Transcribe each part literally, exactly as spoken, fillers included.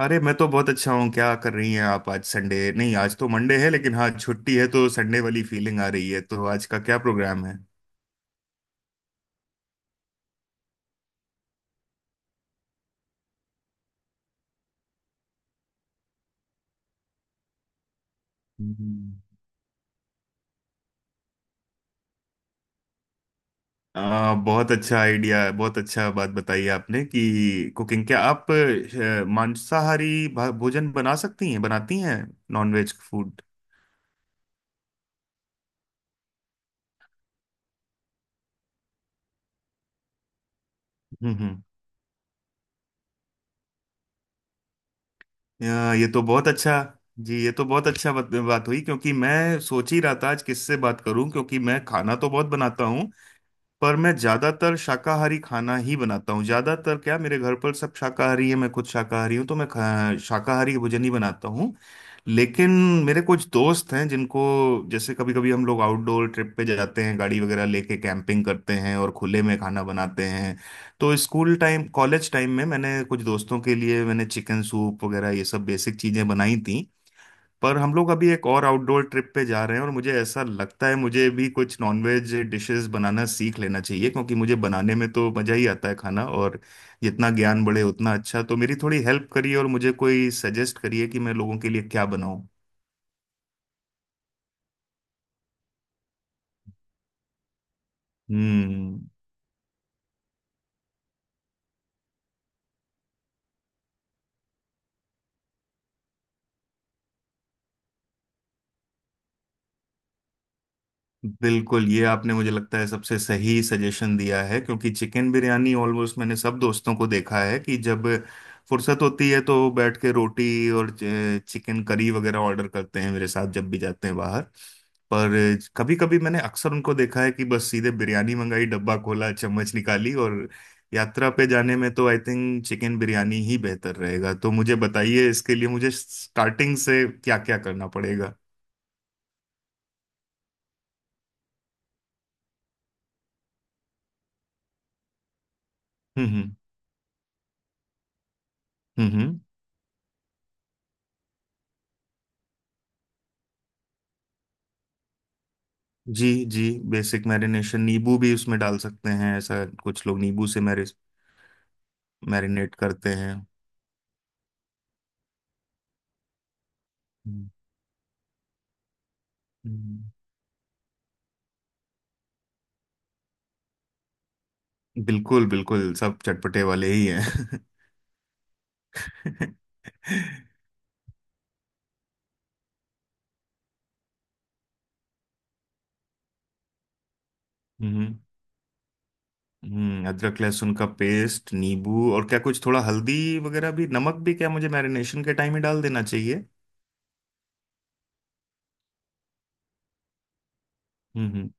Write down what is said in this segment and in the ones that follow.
अरे मैं तो बहुत अच्छा हूँ। क्या कर रही हैं आप? आज संडे नहीं, आज तो मंडे है, लेकिन हाँ छुट्टी है तो संडे वाली फीलिंग आ रही है। तो आज का क्या प्रोग्राम है? हम्म। आ, बहुत अच्छा आइडिया है, बहुत अच्छा बात बताई आपने कि कुकिंग। क्या आप अ, मांसाहारी भा- भोजन बना सकती हैं, बनाती हैं? Non veg food. हम्म हम्म। अ, ये तो बहुत अच्छा जी। ये तो बहुत अच्छा बात, बात हुई क्योंकि मैं सोच ही रहा था आज किससे बात करूं, क्योंकि मैं खाना तो बहुत बनाता हूं पर मैं ज्यादातर शाकाहारी खाना ही बनाता हूँ। ज्यादातर क्या, मेरे घर पर सब शाकाहारी है, मैं खुद शाकाहारी हूँ तो मैं खा, शाकाहारी भोजन ही बनाता हूँ। लेकिन मेरे कुछ दोस्त हैं जिनको, जैसे कभी कभी हम लोग आउटडोर ट्रिप पे जाते हैं, गाड़ी वगैरह लेके कैंपिंग करते हैं और खुले में खाना बनाते हैं। तो स्कूल टाइम, कॉलेज टाइम में मैंने कुछ दोस्तों के लिए मैंने चिकन सूप वगैरह, ये सब बेसिक चीजें बनाई थी। पर हम लोग अभी एक और आउटडोर ट्रिप पे जा रहे हैं और मुझे ऐसा लगता है मुझे भी कुछ नॉनवेज डिशेस बनाना सीख लेना चाहिए, क्योंकि मुझे बनाने में तो मजा ही आता है खाना, और जितना ज्ञान बढ़े उतना अच्छा। तो मेरी थोड़ी हेल्प करिए और मुझे कोई सजेस्ट करिए कि मैं लोगों के लिए क्या बनाऊं। हम्म। बिल्कुल, ये आपने मुझे लगता है सबसे सही सजेशन दिया है, क्योंकि चिकन बिरयानी ऑलमोस्ट मैंने सब दोस्तों को देखा है कि जब फुर्सत होती है तो बैठ के रोटी और चिकन करी वगैरह ऑर्डर करते हैं। मेरे साथ जब भी जाते हैं बाहर, पर कभी कभी मैंने अक्सर उनको देखा है कि बस सीधे बिरयानी मंगाई, डब्बा खोला, चम्मच निकाली, और यात्रा पे जाने में तो आई थिंक चिकन बिरयानी ही बेहतर रहेगा। तो मुझे बताइए, इसके लिए मुझे स्टार्टिंग से क्या क्या करना पड़ेगा? हम्म हम्म। हम्म हम्म। जी जी। बेसिक मैरिनेशन, नींबू भी उसमें डाल सकते हैं, ऐसा कुछ लोग नींबू से मैरि मैरिनेट करते हैं। हम्म। हम्म। बिल्कुल बिल्कुल, सब चटपटे वाले ही हैं। हम्म हम्म। अदरक लहसुन का पेस्ट, नींबू, और क्या कुछ थोड़ा हल्दी वगैरह भी, नमक भी, क्या मुझे मैरिनेशन के टाइम ही डाल देना चाहिए? हम्म हम्म।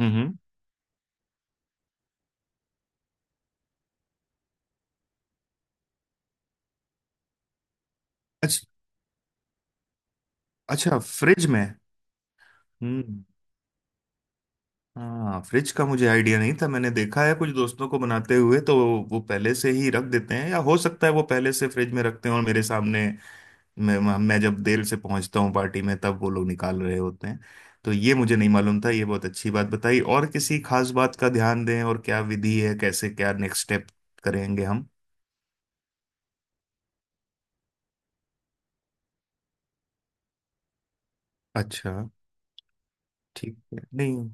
हम्म हम्म। अच्छा। अच्छा, फ्रिज में। हम्म। हाँ, फ्रिज का मुझे आइडिया नहीं था। मैंने देखा है कुछ दोस्तों को बनाते हुए, तो वो पहले से ही रख देते हैं या हो सकता है वो पहले से फ्रिज में रखते हैं और मेरे सामने मैं मैं जब देर से पहुंचता हूँ पार्टी में तब वो लोग निकाल रहे होते हैं। तो ये मुझे नहीं मालूम था, ये बहुत अच्छी बात बताई। और किसी खास बात का ध्यान दें, और क्या विधि है, कैसे क्या नेक्स्ट स्टेप करेंगे हम? अच्छा। ठीक है, नहीं।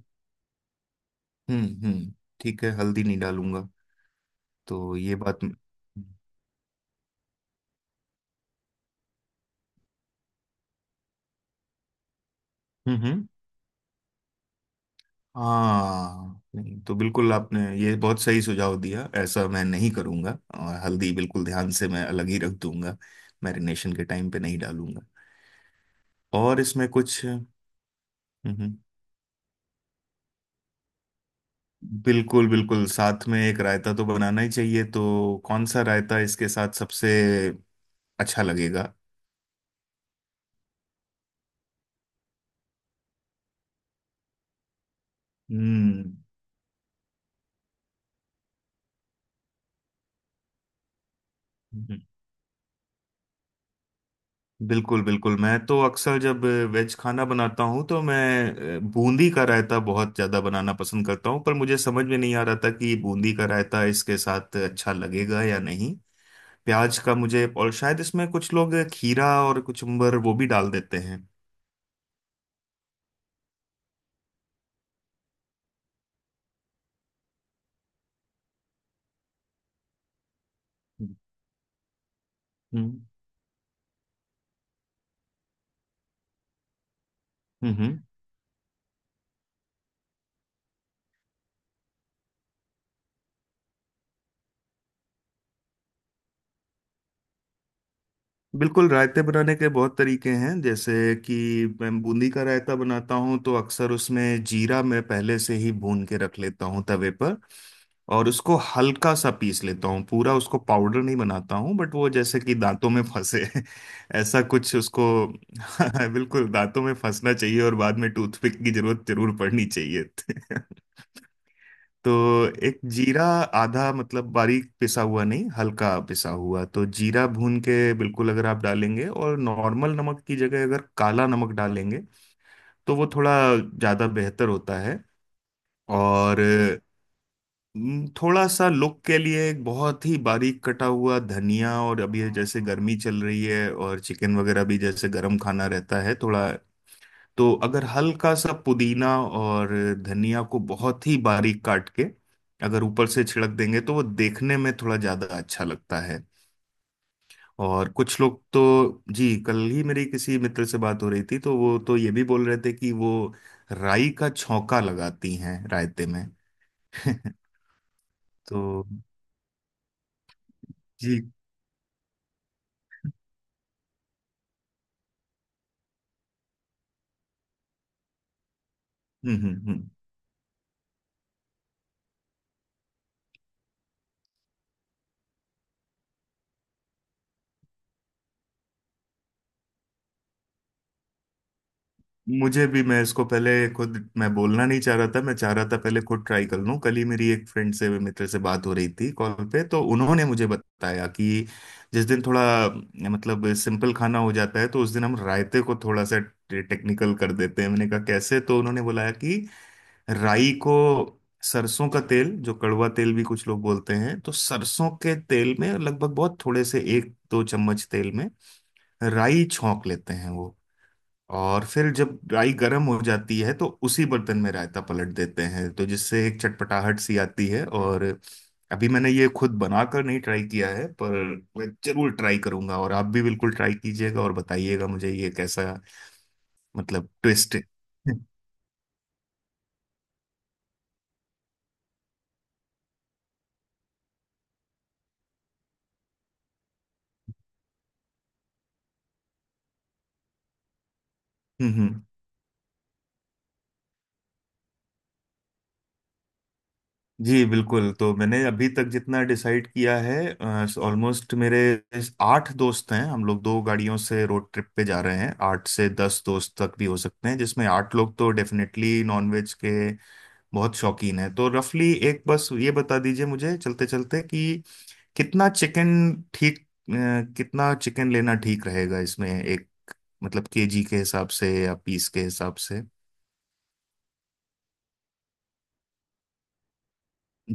हम्म हम्म। ठीक है, हल्दी नहीं डालूंगा। तो ये बात। हम्म। हम्म। हम्म। हाँ, नहीं तो बिल्कुल आपने ये बहुत सही सुझाव दिया, ऐसा मैं नहीं करूंगा, और हल्दी बिल्कुल ध्यान से मैं अलग ही रख दूंगा, मैरिनेशन के टाइम पे नहीं डालूंगा। और इसमें कुछ। हम्म। बिल्कुल बिल्कुल, साथ में एक रायता तो बनाना ही चाहिए। तो कौन सा रायता इसके साथ सबसे अच्छा लगेगा? हम्म। बिल्कुल बिल्कुल, मैं तो अक्सर जब वेज खाना बनाता हूँ तो मैं अ, बूंदी का रायता बहुत ज़्यादा बनाना पसंद करता हूँ, पर मुझे समझ में नहीं आ रहा था कि बूंदी का रायता इसके साथ अच्छा लगेगा या नहीं। प्याज का मुझे, और शायद इसमें कुछ लोग खीरा और कुचुम्बर वो भी डाल देते हैं। हम्म हम्म। हम्म। बिल्कुल, रायते बनाने के बहुत तरीके हैं, जैसे कि मैं बूंदी का रायता बनाता हूँ तो अक्सर उसमें जीरा मैं पहले से ही भून के रख लेता हूँ तवे पर, और उसको हल्का सा पीस लेता हूँ, पूरा उसको पाउडर नहीं बनाता हूँ, बट वो जैसे कि दांतों में फंसे ऐसा कुछ उसको। बिल्कुल, दांतों में फंसना चाहिए और बाद में टूथपिक की जरूरत जरूर पड़नी चाहिए। तो एक जीरा, आधा मतलब बारीक पिसा हुआ नहीं, हल्का पिसा हुआ, तो जीरा भून के बिल्कुल अगर आप डालेंगे, और नॉर्मल नमक की जगह अगर काला नमक डालेंगे, तो वो थोड़ा ज़्यादा बेहतर होता है। और अम, थोड़ा सा लुक के लिए एक बहुत ही बारीक कटा हुआ धनिया, और अभी ये जैसे गर्मी चल रही है और चिकन वगैरह भी जैसे गर्म खाना रहता है थोड़ा, तो अगर हल्का सा पुदीना और धनिया को बहुत ही बारीक काट के अगर ऊपर से छिड़क देंगे तो वो देखने में थोड़ा ज्यादा अच्छा लगता है। और कुछ लोग तो, जी कल ही मेरी किसी मित्र से बात हो रही थी तो वो तो ये भी बोल रहे थे कि वो राई का छौंका लगाती हैं रायते में। तो जी। हम्म हम्म। मुझे भी, मैं इसको पहले खुद मैं बोलना नहीं चाह रहा था, मैं चाह रहा था पहले खुद ट्राई कर लूं। कल ही मेरी एक फ्रेंड से, मित्र से बात हो रही थी कॉल पे, तो उन्होंने मुझे बताया कि जिस दिन थोड़ा मतलब सिंपल खाना हो जाता है तो उस दिन हम रायते को थोड़ा सा टेक्निकल कर देते हैं। मैंने कहा कैसे, तो उन्होंने बोला कि राई को, सरसों का तेल, जो कड़वा तेल भी कुछ लोग बोलते हैं, तो सरसों के तेल में लगभग बहुत थोड़े से एक दो चम्मच तेल में राई छौंक लेते हैं वो, और फिर जब राई गर्म हो जाती है तो उसी बर्तन में रायता पलट देते हैं, तो जिससे एक चटपटाहट सी आती है। और अभी मैंने ये खुद बनाकर नहीं ट्राई किया है पर मैं जरूर ट्राई करूंगा और आप भी बिल्कुल ट्राई कीजिएगा और बताइएगा मुझे ये कैसा, मतलब ट्विस्ट है। हम्म हम्म। जी बिल्कुल। तो मैंने अभी तक जितना डिसाइड किया है, ऑलमोस्ट मेरे इस आठ दोस्त हैं, हम लोग दो गाड़ियों से रोड ट्रिप पे जा रहे हैं, आठ से दस दोस्त तक भी हो सकते हैं, जिसमें आठ लोग तो डेफिनेटली नॉनवेज के बहुत शौकीन हैं। तो रफली एक बस ये बता दीजिए मुझे चलते चलते कि कितना चिकन ठीक अ, कितना चिकन लेना ठीक रहेगा इसमें? एक मतलब केजी के हिसाब से या पीस के हिसाब से?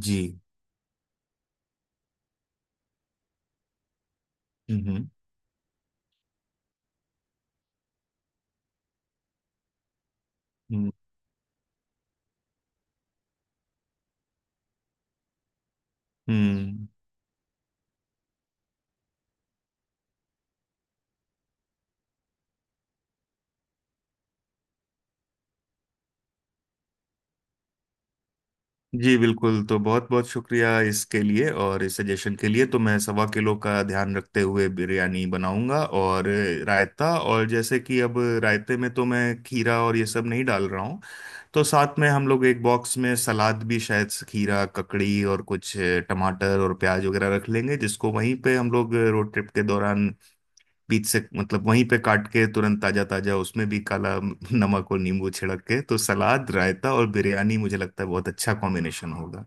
जी। हम्म हम्म। हम्म हम्म। जी बिल्कुल, तो बहुत बहुत शुक्रिया इसके लिए और इस सजेशन के लिए। तो मैं सवा किलो का ध्यान रखते हुए बिरयानी बनाऊंगा, और रायता, और जैसे कि अब रायते में तो मैं खीरा और ये सब नहीं डाल रहा हूँ तो साथ में हम लोग एक बॉक्स में सलाद भी, शायद से, खीरा ककड़ी और कुछ टमाटर और प्याज वगैरह रख लेंगे जिसको वहीं पे हम लोग रोड ट्रिप के दौरान बीच से मतलब वहीं पे काट के तुरंत ताजा ताजा उसमें भी काला नमक और नींबू छिड़क के। तो सलाद, रायता और बिरयानी, मुझे लगता है बहुत अच्छा कॉम्बिनेशन होगा।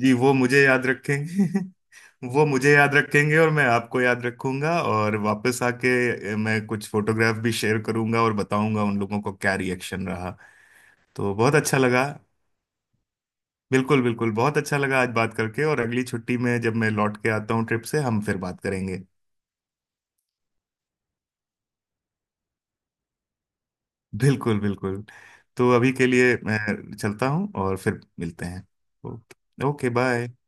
जी वो मुझे याद रखेंगे। वो मुझे याद रखेंगे और मैं आपको याद रखूंगा, और वापस आके मैं कुछ फोटोग्राफ भी शेयर करूंगा और बताऊंगा उन लोगों को क्या रिएक्शन रहा। तो बहुत अच्छा लगा, बिल्कुल बिल्कुल बहुत अच्छा लगा आज बात करके, और अगली छुट्टी में जब मैं लौट के आता हूँ ट्रिप से हम फिर बात करेंगे। बिल्कुल बिल्कुल। तो अभी के लिए मैं चलता हूँ और फिर मिलते हैं। Okay bye.